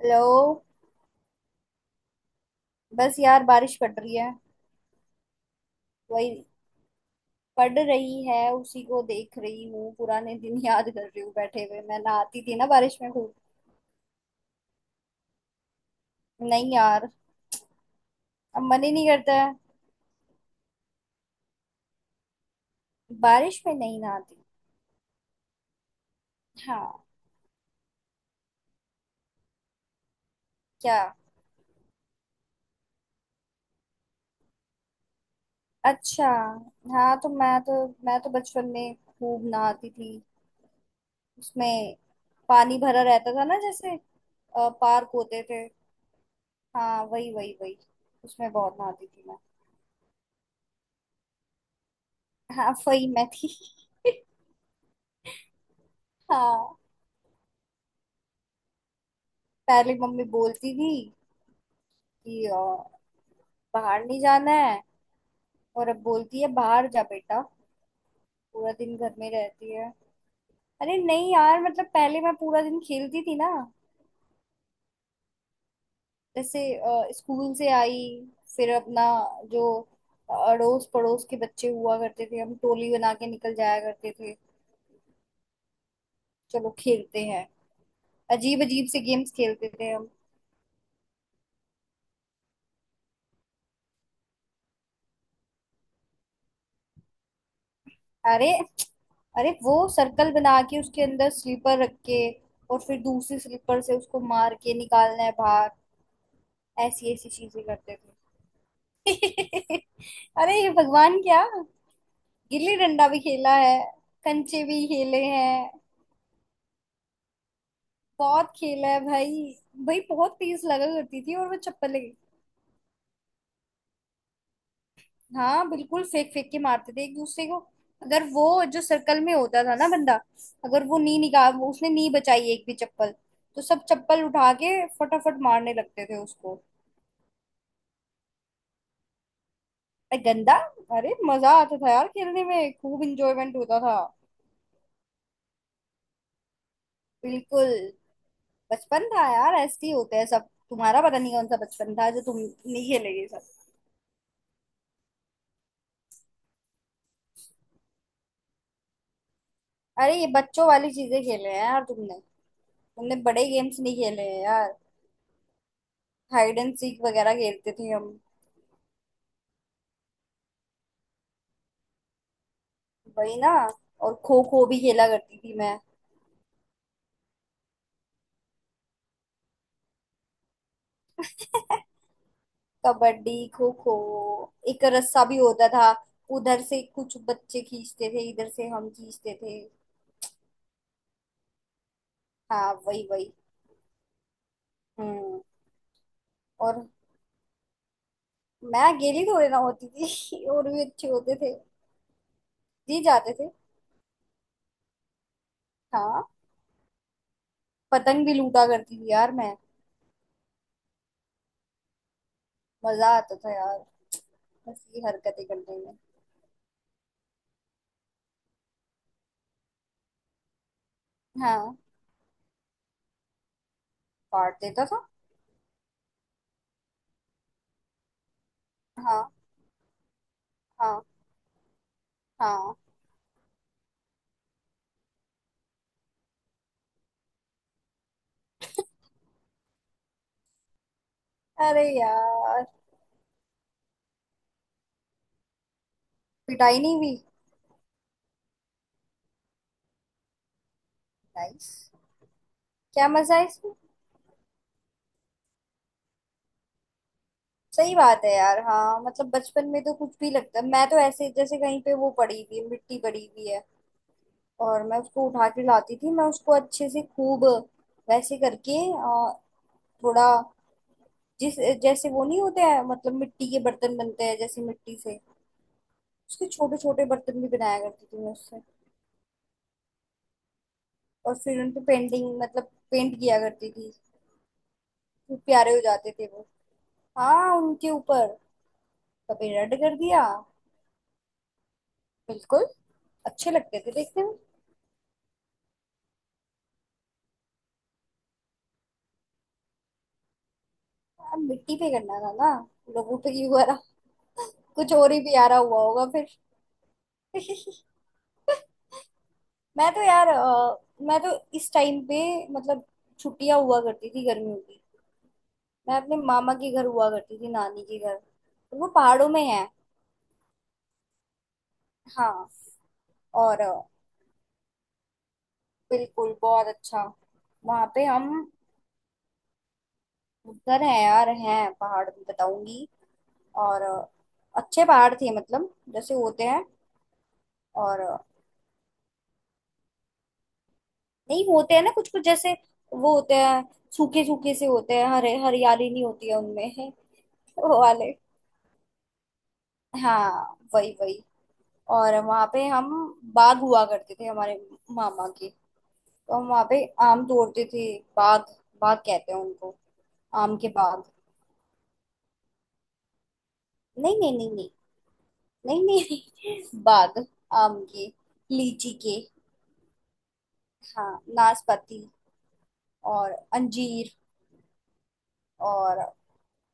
Hello. बस यार बारिश पड़ रही है। वही पड़ रही है, उसी को देख रही हूँ। पुराने दिन याद कर रही हूँ। बैठे हुए मैं नहाती थी ना बारिश में खूब। नहीं यार, अब मन ही नहीं करता है। बारिश में नहीं नहाती। हाँ। क्या? अच्छा। हाँ, तो मैं तो बचपन में खूब नहाती थी। उसमें पानी भरा रहता था ना, जैसे पार्क होते थे। हाँ, वही वही वही। उसमें बहुत नहाती थी मैं। हाँ, वही मैं थी। हाँ। पहले मम्मी बोलती थी कि बाहर नहीं जाना है। और अब बोलती है बाहर जा बेटा, पूरा दिन घर में रहती है। अरे नहीं यार, मतलब पहले मैं पूरा दिन खेलती थी ना। जैसे स्कूल से आई, फिर अपना जो अड़ोस पड़ोस के बच्चे हुआ करते थे, हम टोली बना के निकल जाया करते थे। चलो खेलते हैं। अजीब अजीब से गेम्स खेलते थे हम। अरे, अरे वो सर्कल बना के, उसके अंदर स्लीपर रख के, और फिर दूसरी स्लीपर से उसको मार के निकालना है बाहर। ऐसी ऐसी चीजें करते थे। अरे ये भगवान क्या। गिल्ली डंडा भी खेला है। कंचे भी खेले हैं। बहुत खेला है भाई। भाई बहुत तेज लगा करती थी और वो चप्पलें। हाँ बिल्कुल, फेंक फेंक के मारते थे एक दूसरे को। अगर वो जो सर्कल में होता था ना बंदा, अगर वो नी निकाल उसने नी बचाई एक भी चप्पल, तो सब चप्पल उठा के फटाफट मारने लगते थे उसको। अरे गंदा? अरे मजा आता था यार, खेलने में खूब इंजॉयमेंट होता था। बिल्कुल। बचपन था यार, ऐसे ही होते हैं सब। तुम्हारा पता नहीं कौन सा बचपन था जो तुम नहीं खेले ये सब। अरे ये बच्चों वाली चीजें खेले हैं यार तुमने। तुमने बड़े गेम्स नहीं खेले हैं यार। हाइड एंड सीक वगैरह खेलते थे हम। वही ना। और खो खो भी खेला करती थी मैं। कबड्डी, खो खो। एक रस्सा भी होता था, उधर से कुछ बच्चे खींचते थे, इधर से हम खींचते थे। हाँ वही वही। हम्म। और मैं अकेली थोड़ी ना होती थी और भी अच्छे होते थे। जी जाते थे। हाँ। पतंग भी लूटा करती थी यार मैं। मजा आता था यार, बस ये हरकतें करने में। हाँ, काट देता था। हाँ हाँ। हाँ, अरे यार। पिटाई नहीं हुई? नाइस। क्या मजा है इसमें। सही बात है यार, हाँ। मतलब बचपन में तो कुछ भी लगता है। मैं तो ऐसे जैसे कहीं पे वो पड़ी हुई है, मिट्टी पड़ी हुई है, और मैं उसको उठा के लाती थी। मैं उसको अच्छे से खूब वैसे करके थोड़ा जिस जैसे वो नहीं होते हैं, मतलब मिट्टी के बर्तन बनते हैं जैसे मिट्टी से, उसके छोटे छोटे बर्तन भी बनाया करती थी मैं उससे। और फिर उन पे पेंटिंग मतलब पेंट किया करती थी। फिर प्यारे हो जाते थे वो। हाँ उनके ऊपर कभी रेड कर दिया। बिल्कुल, अच्छे लगते थे देखने में। अब मिट्टी पे करना था ना, लोगों पे क्यों करा। कुछ और ही प्यारा हुआ होगा फिर। मैं तो इस टाइम पे मतलब छुट्टियां हुआ करती थी गर्मियों की। मैं अपने मामा के घर हुआ करती थी, नानी के घर, और वो पहाड़ों में है। हाँ। और बिल्कुल बहुत अच्छा। वहां पे हम उधर हैं यार, हैं पहाड़ भी, बताऊंगी। और अच्छे पहाड़ थे, मतलब जैसे होते हैं। और नहीं होते हैं ना कुछ कुछ जैसे वो होते हैं सूखे सूखे से, होते हैं हरे, हरियाली नहीं होती है उनमें वो वाले। हाँ वही वही। और वहां पे हम बाग हुआ करते थे हमारे मामा के, तो हम वहां पे आम तोड़ते थे। बाग। बाग कहते हैं उनको। आम के बाग। नहीं नहीं नहीं नहीं, नहीं नहीं नहीं, बाग। आम के, लीची के। हाँ, नाशपाती। और अंजीर। और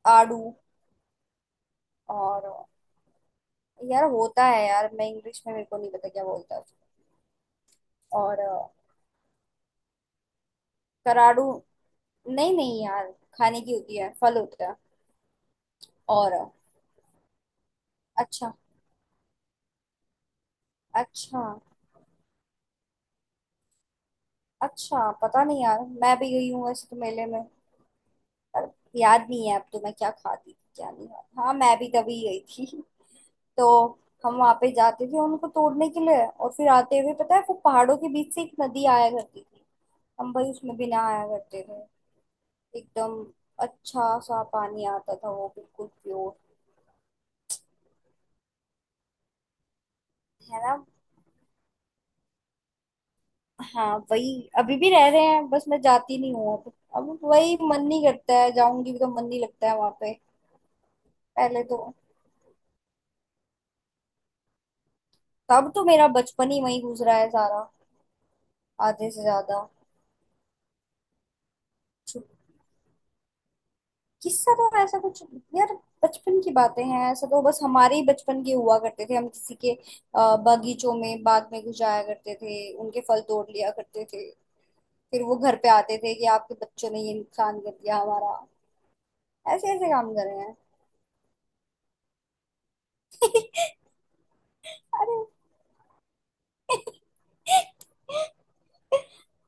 आड़ू। और यार होता है यार, मैं इंग्लिश में मेरे को नहीं पता क्या बोलता है उसको। और कराड़ू, नहीं नहीं यार, खाने की होती है, फल होता है। और अच्छा। अच्छा, अच्छा पता नहीं यार, मैं भी गई हूँ ऐसे तो मेले में। पर याद नहीं है अब तो, मैं क्या खाती थी क्या नहीं। हाँ, मैं भी तभी गई थी। तो हम वहां पे जाते थे उनको तोड़ने के लिए, और फिर आते हुए पता है वो पहाड़ों के बीच से एक नदी आया करती थी। हम भाई उसमें भी ना आया करते थे। एकदम अच्छा सा पानी आता था, वो बिल्कुल प्योर। है ना। हाँ वही, अभी भी रह रहे हैं। बस मैं जाती नहीं हूँ अब वही मन नहीं करता है, जाऊंगी भी तो मन नहीं लगता है वहां पे। पहले तो, तब तो मेरा बचपन ही वही गुजरा है सारा, आधे से ज्यादा। किस्सा तो ऐसा कुछ, यार बचपन की बातें हैं, ऐसा तो बस हमारे ही बचपन के हुआ करते थे। हम किसी के बागीचों में, बाग में घुस जाया करते थे, उनके फल तोड़ लिया करते थे। फिर वो घर पे आते थे कि आपके बच्चों ने ये नुकसान कर दिया हमारा, ऐसे ऐसे काम कर रहे हैं। अरे,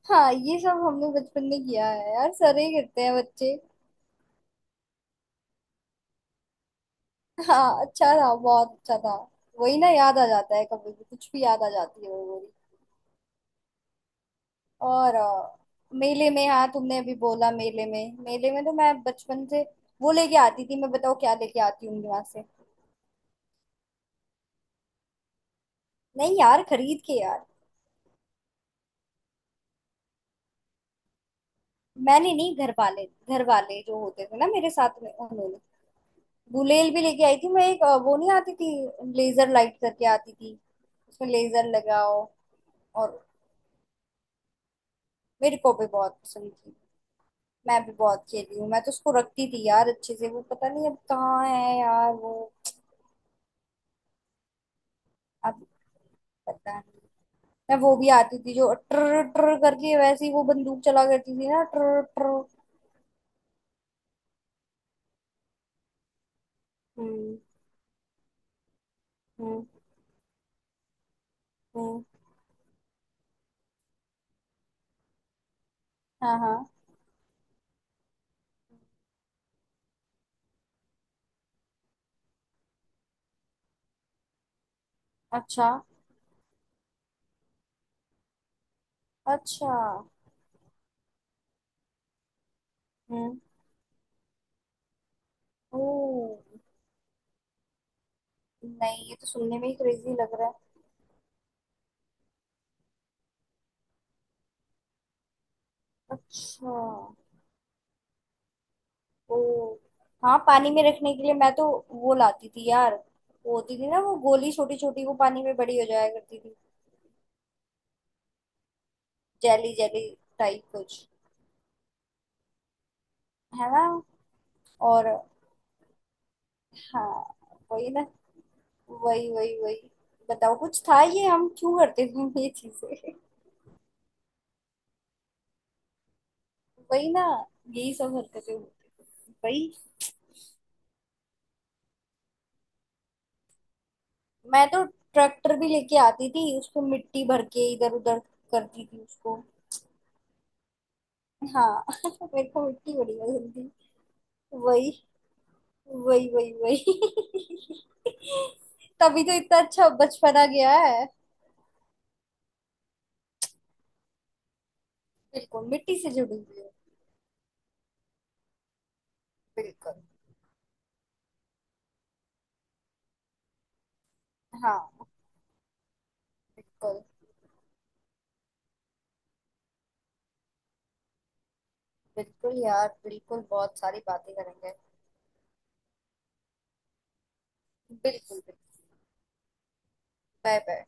हाँ ये सब हमने बचपन में किया है यार, सारे ही करते हैं बच्चे। हाँ अच्छा था, बहुत अच्छा था। वही ना, याद आ जाता है, कभी भी कुछ भी याद आ जाती है वो। और मेले में, हाँ तुमने अभी बोला मेले में, मेले में तो मैं बचपन से वो लेके आती थी। मैं बताओ क्या लेके आती हूँ वहां से। नहीं यार, खरीद के यार। मैंने नहीं, घर वाले, घर वाले जो होते थे ना मेरे साथ में, उन्होंने। गुलेल भी लेके आई थी मैं एक। वो नहीं आती थी लेजर लाइट करके आती थी, उसमें लेजर लगाओ। और मेरे को भी बहुत पसंद थी। मैं भी बहुत खेली हूँ, मैं तो उसको रखती थी यार अच्छे से, वो पता नहीं अब कहाँ है यार वो। अब पता नहीं। मैं वो भी आती थी जो ट्र ट्र करके, वैसे ही वो बंदूक चला करती थी ना, ट्र ट्र। हम्म। हम्म। हम्म। हाँ हाँ। अच्छा। अच्छा। हम्म। ओ, नहीं ये तो सुनने में ही क्रेजी लग रहा है। अच्छा। ओ, हाँ पानी में रखने के लिए, मैं तो वो लाती थी यार। वो होती थी ना वो गोली, छोटी छोटी, वो पानी में बड़ी हो जाया करती थी। जेली जेली टाइप कुछ। है ना। और हाँ, वही ना, वही वही वही। बताओ, कुछ था ये, हम क्यों करते थे ये चीजें। वही ना। यही सब हरकतें होती थी वही। मैं तो ट्रैक्टर भी लेके आती थी, उसको मिट्टी भर के इधर उधर करती थी उसको। हाँ मेरे को मिट्टी बड़ी पसंद थी। वही, वही वही वही। तभी तो इतना अच्छा बचपना गया है। बिल्कुल मिट्टी से जुड़ी हुई है। बिल्कुल। हाँ, बिल्कुल। बिल्कुल यार, बिल्कुल बहुत सारी बातें करेंगे। बिल्कुल बिल्कुल। Bye bye.